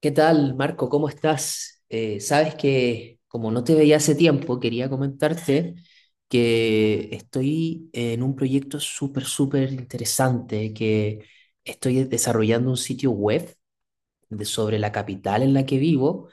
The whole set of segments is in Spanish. ¿Qué tal, Marco? ¿Cómo estás? Sabes que como no te veía hace tiempo, quería comentarte que estoy en un proyecto súper, súper interesante, que estoy desarrollando un sitio web sobre la capital en la que vivo,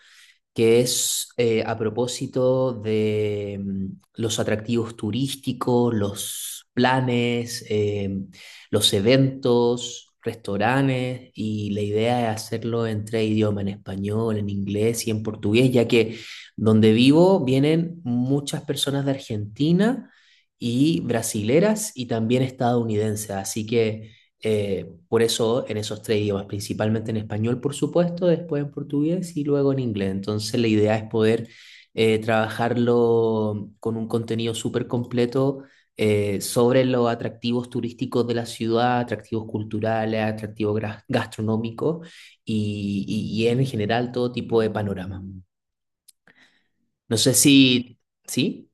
que es a propósito de los atractivos turísticos, los planes, los eventos, restaurantes, y la idea es hacerlo en tres idiomas, en español, en inglés y en portugués, ya que donde vivo vienen muchas personas de Argentina y brasileras y también estadounidenses, así que... por eso en esos tres idiomas, principalmente en español, por supuesto, después en portugués y luego en inglés. Entonces la idea es poder trabajarlo con un contenido súper completo sobre los atractivos turísticos de la ciudad, atractivos culturales, atractivos gastronómicos y, y en general todo tipo de panorama. No sé si... ¿Sí?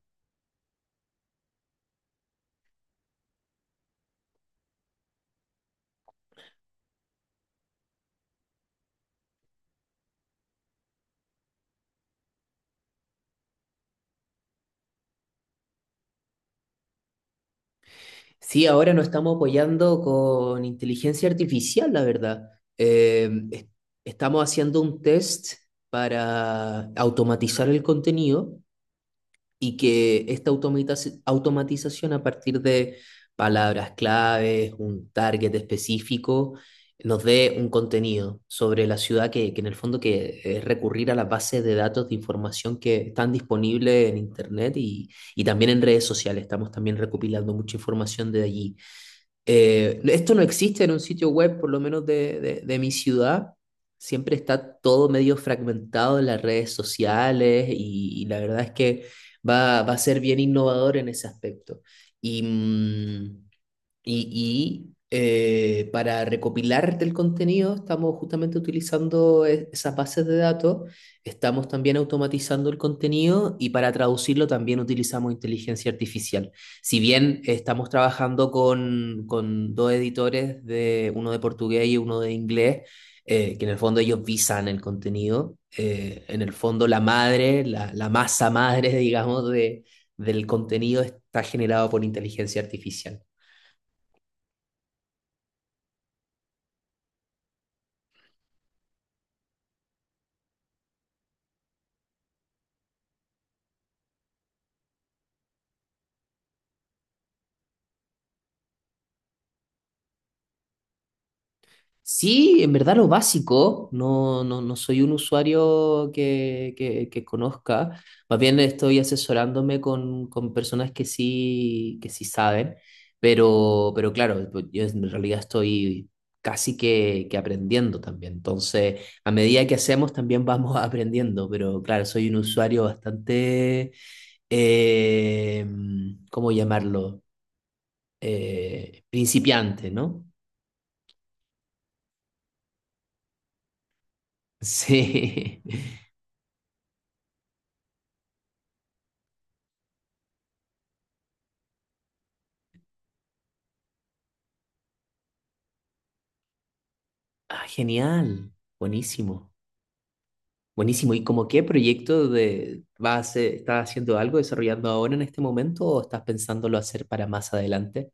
Sí, ahora nos estamos apoyando con inteligencia artificial, la verdad. Eh, es- Estamos haciendo un test para automatizar el contenido, y que esta automatización, a partir de palabras claves, un target específico, nos dé un contenido sobre la ciudad, que en el fondo que es recurrir a las bases de datos de información que están disponibles en Internet y también en redes sociales. Estamos también recopilando mucha información de allí. Esto no existe en un sitio web, por lo menos de mi ciudad. Siempre está todo medio fragmentado en las redes sociales y la verdad es que va a ser bien innovador en ese aspecto. Y, mm, y, y para recopilar del contenido estamos justamente utilizando esas bases de datos, estamos también automatizando el contenido y para traducirlo también utilizamos inteligencia artificial. Si bien estamos trabajando con dos editores, de uno de portugués y uno de inglés, que en el fondo ellos visan el contenido, en el fondo la madre, la masa madre, digamos, del contenido está generado por inteligencia artificial. Sí, en verdad lo básico, no, no, no soy un usuario que conozca, más bien estoy asesorándome con personas que sí saben, pero claro, pues yo en realidad estoy casi que aprendiendo también, entonces a medida que hacemos también vamos aprendiendo, pero claro, soy un usuario bastante, eh, ¿cómo llamarlo? Principiante, ¿no? Sí. Ah, genial, buenísimo, buenísimo. ¿Y como qué proyecto de vas a estás haciendo algo desarrollando ahora en este momento, o estás pensándolo hacer para más adelante?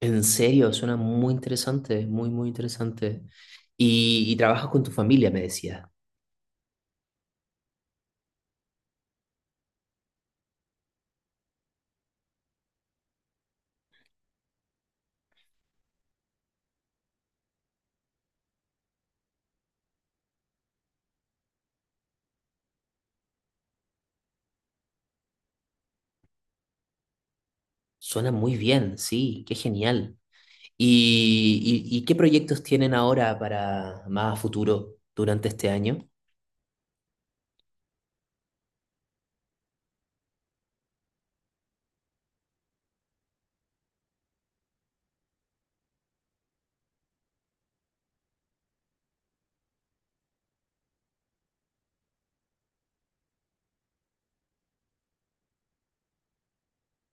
En serio, suena muy interesante, muy, muy interesante. Y trabajas con tu familia, me decía. Suena muy bien, sí, qué genial. ¿Y qué proyectos tienen ahora para más a futuro durante este año?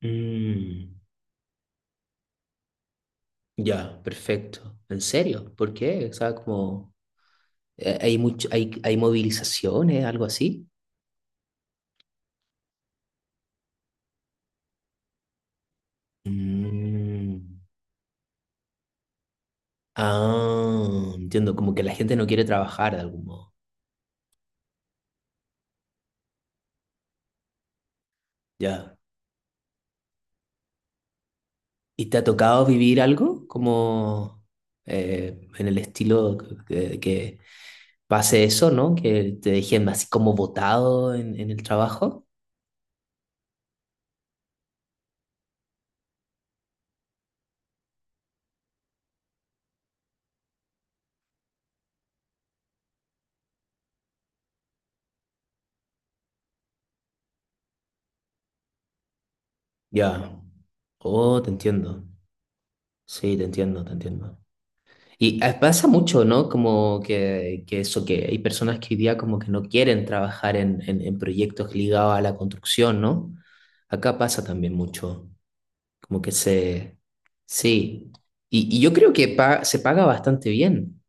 Mm, ya, perfecto. ¿En serio? ¿Por qué? O sea, como... ¿Hay mucho, hay movilizaciones, algo así? Mm. Ah, entiendo, como que la gente no quiere trabajar de algún modo. Ya. ¿Y te ha tocado vivir algo como en el estilo que pase eso, ¿no? Que te dejen así como botado en el trabajo. Ya. Oh, te entiendo. Sí, te entiendo, te entiendo. Y pasa mucho, ¿no? Como que eso, que hay personas que hoy día como que no quieren trabajar en proyectos ligados a la construcción, ¿no? Acá pasa también mucho, como que se... Sí, y yo creo que se paga bastante bien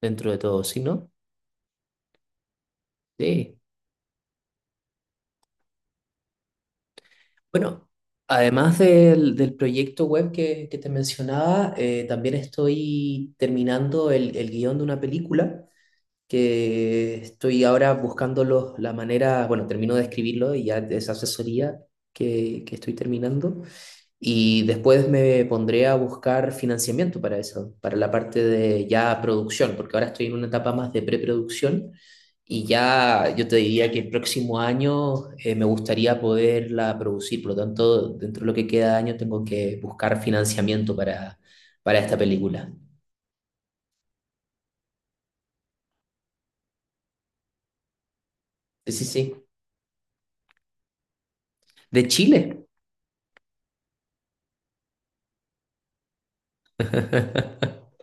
dentro de todo, ¿sí, no? Sí. Bueno, además del proyecto web que te mencionaba, también estoy terminando el guión de una película, que estoy ahora buscando la manera. Bueno, termino de escribirlo y ya esa asesoría que estoy terminando. Y después me pondré a buscar financiamiento para eso, para la parte de ya producción, porque ahora estoy en una etapa más de preproducción, y ya yo te diría que el próximo año me gustaría poderla producir. Por lo tanto, dentro de lo que queda de año tengo que buscar financiamiento para esta película. Sí, sí, sí. De Chile.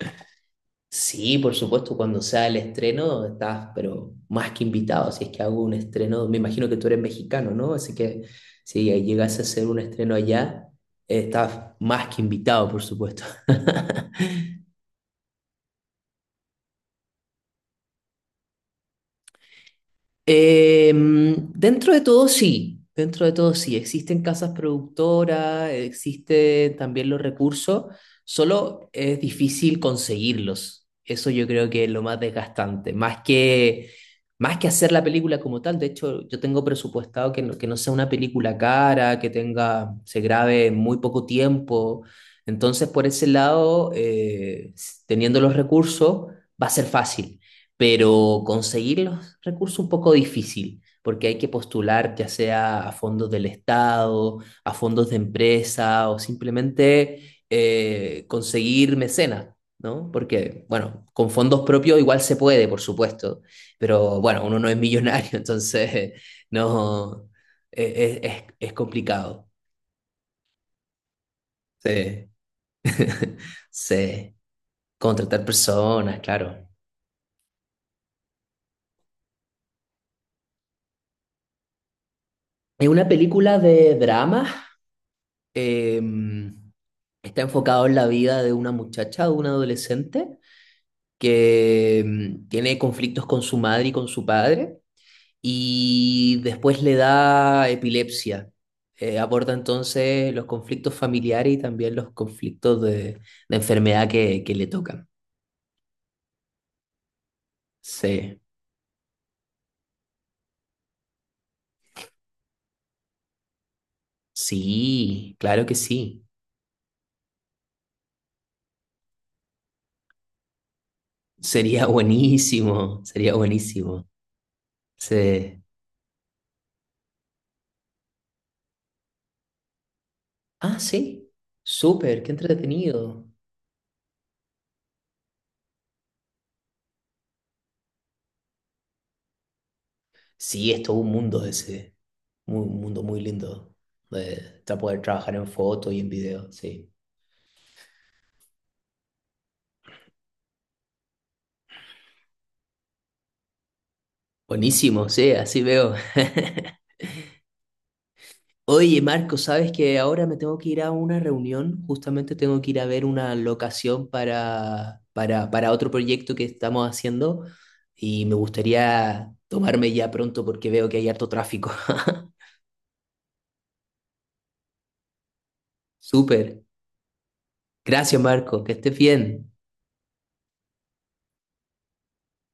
Sí, por supuesto, cuando sea el estreno estás, pero más que invitado, si es que hago un estreno. Me imagino que tú eres mexicano, ¿no? Así que si llegase a hacer un estreno allá, estás más que invitado, por supuesto. Eh, dentro de todo sí, dentro de todo sí, existen casas productoras, existen también los recursos, solo es difícil conseguirlos. Eso yo creo que es lo más desgastante, más que hacer la película como tal. De hecho, yo tengo presupuestado que no sea una película cara, que tenga, se grabe en muy poco tiempo. Entonces, por ese lado, teniendo los recursos, va a ser fácil, pero conseguir los recursos un poco difícil, porque hay que postular ya sea a fondos del Estado, a fondos de empresa, o simplemente conseguir mecenas, ¿no? Porque, bueno, con fondos propios igual se puede, por supuesto, pero bueno, uno no es millonario, entonces no, es complicado. Sí, sí, contratar personas, claro. Es una película de drama. em, Está enfocado en la vida de una muchacha, de una adolescente, que tiene conflictos con su madre y con su padre, y después le da epilepsia. Aborda entonces los conflictos familiares y también los conflictos de enfermedad que le tocan. Sí, sí, claro que sí. Sería buenísimo, sería buenísimo. Sí. Ah, sí, súper, qué entretenido. Sí, es todo un mundo ese. Un mundo muy lindo de para poder trabajar en foto y en video, sí. Buenísimo, sí, así veo. Oye, Marco, sabes que ahora me tengo que ir a una reunión, justamente tengo que ir a ver una locación para otro proyecto que estamos haciendo, y me gustaría tomarme ya pronto porque veo que hay harto tráfico. Súper. Gracias, Marco, que estés bien.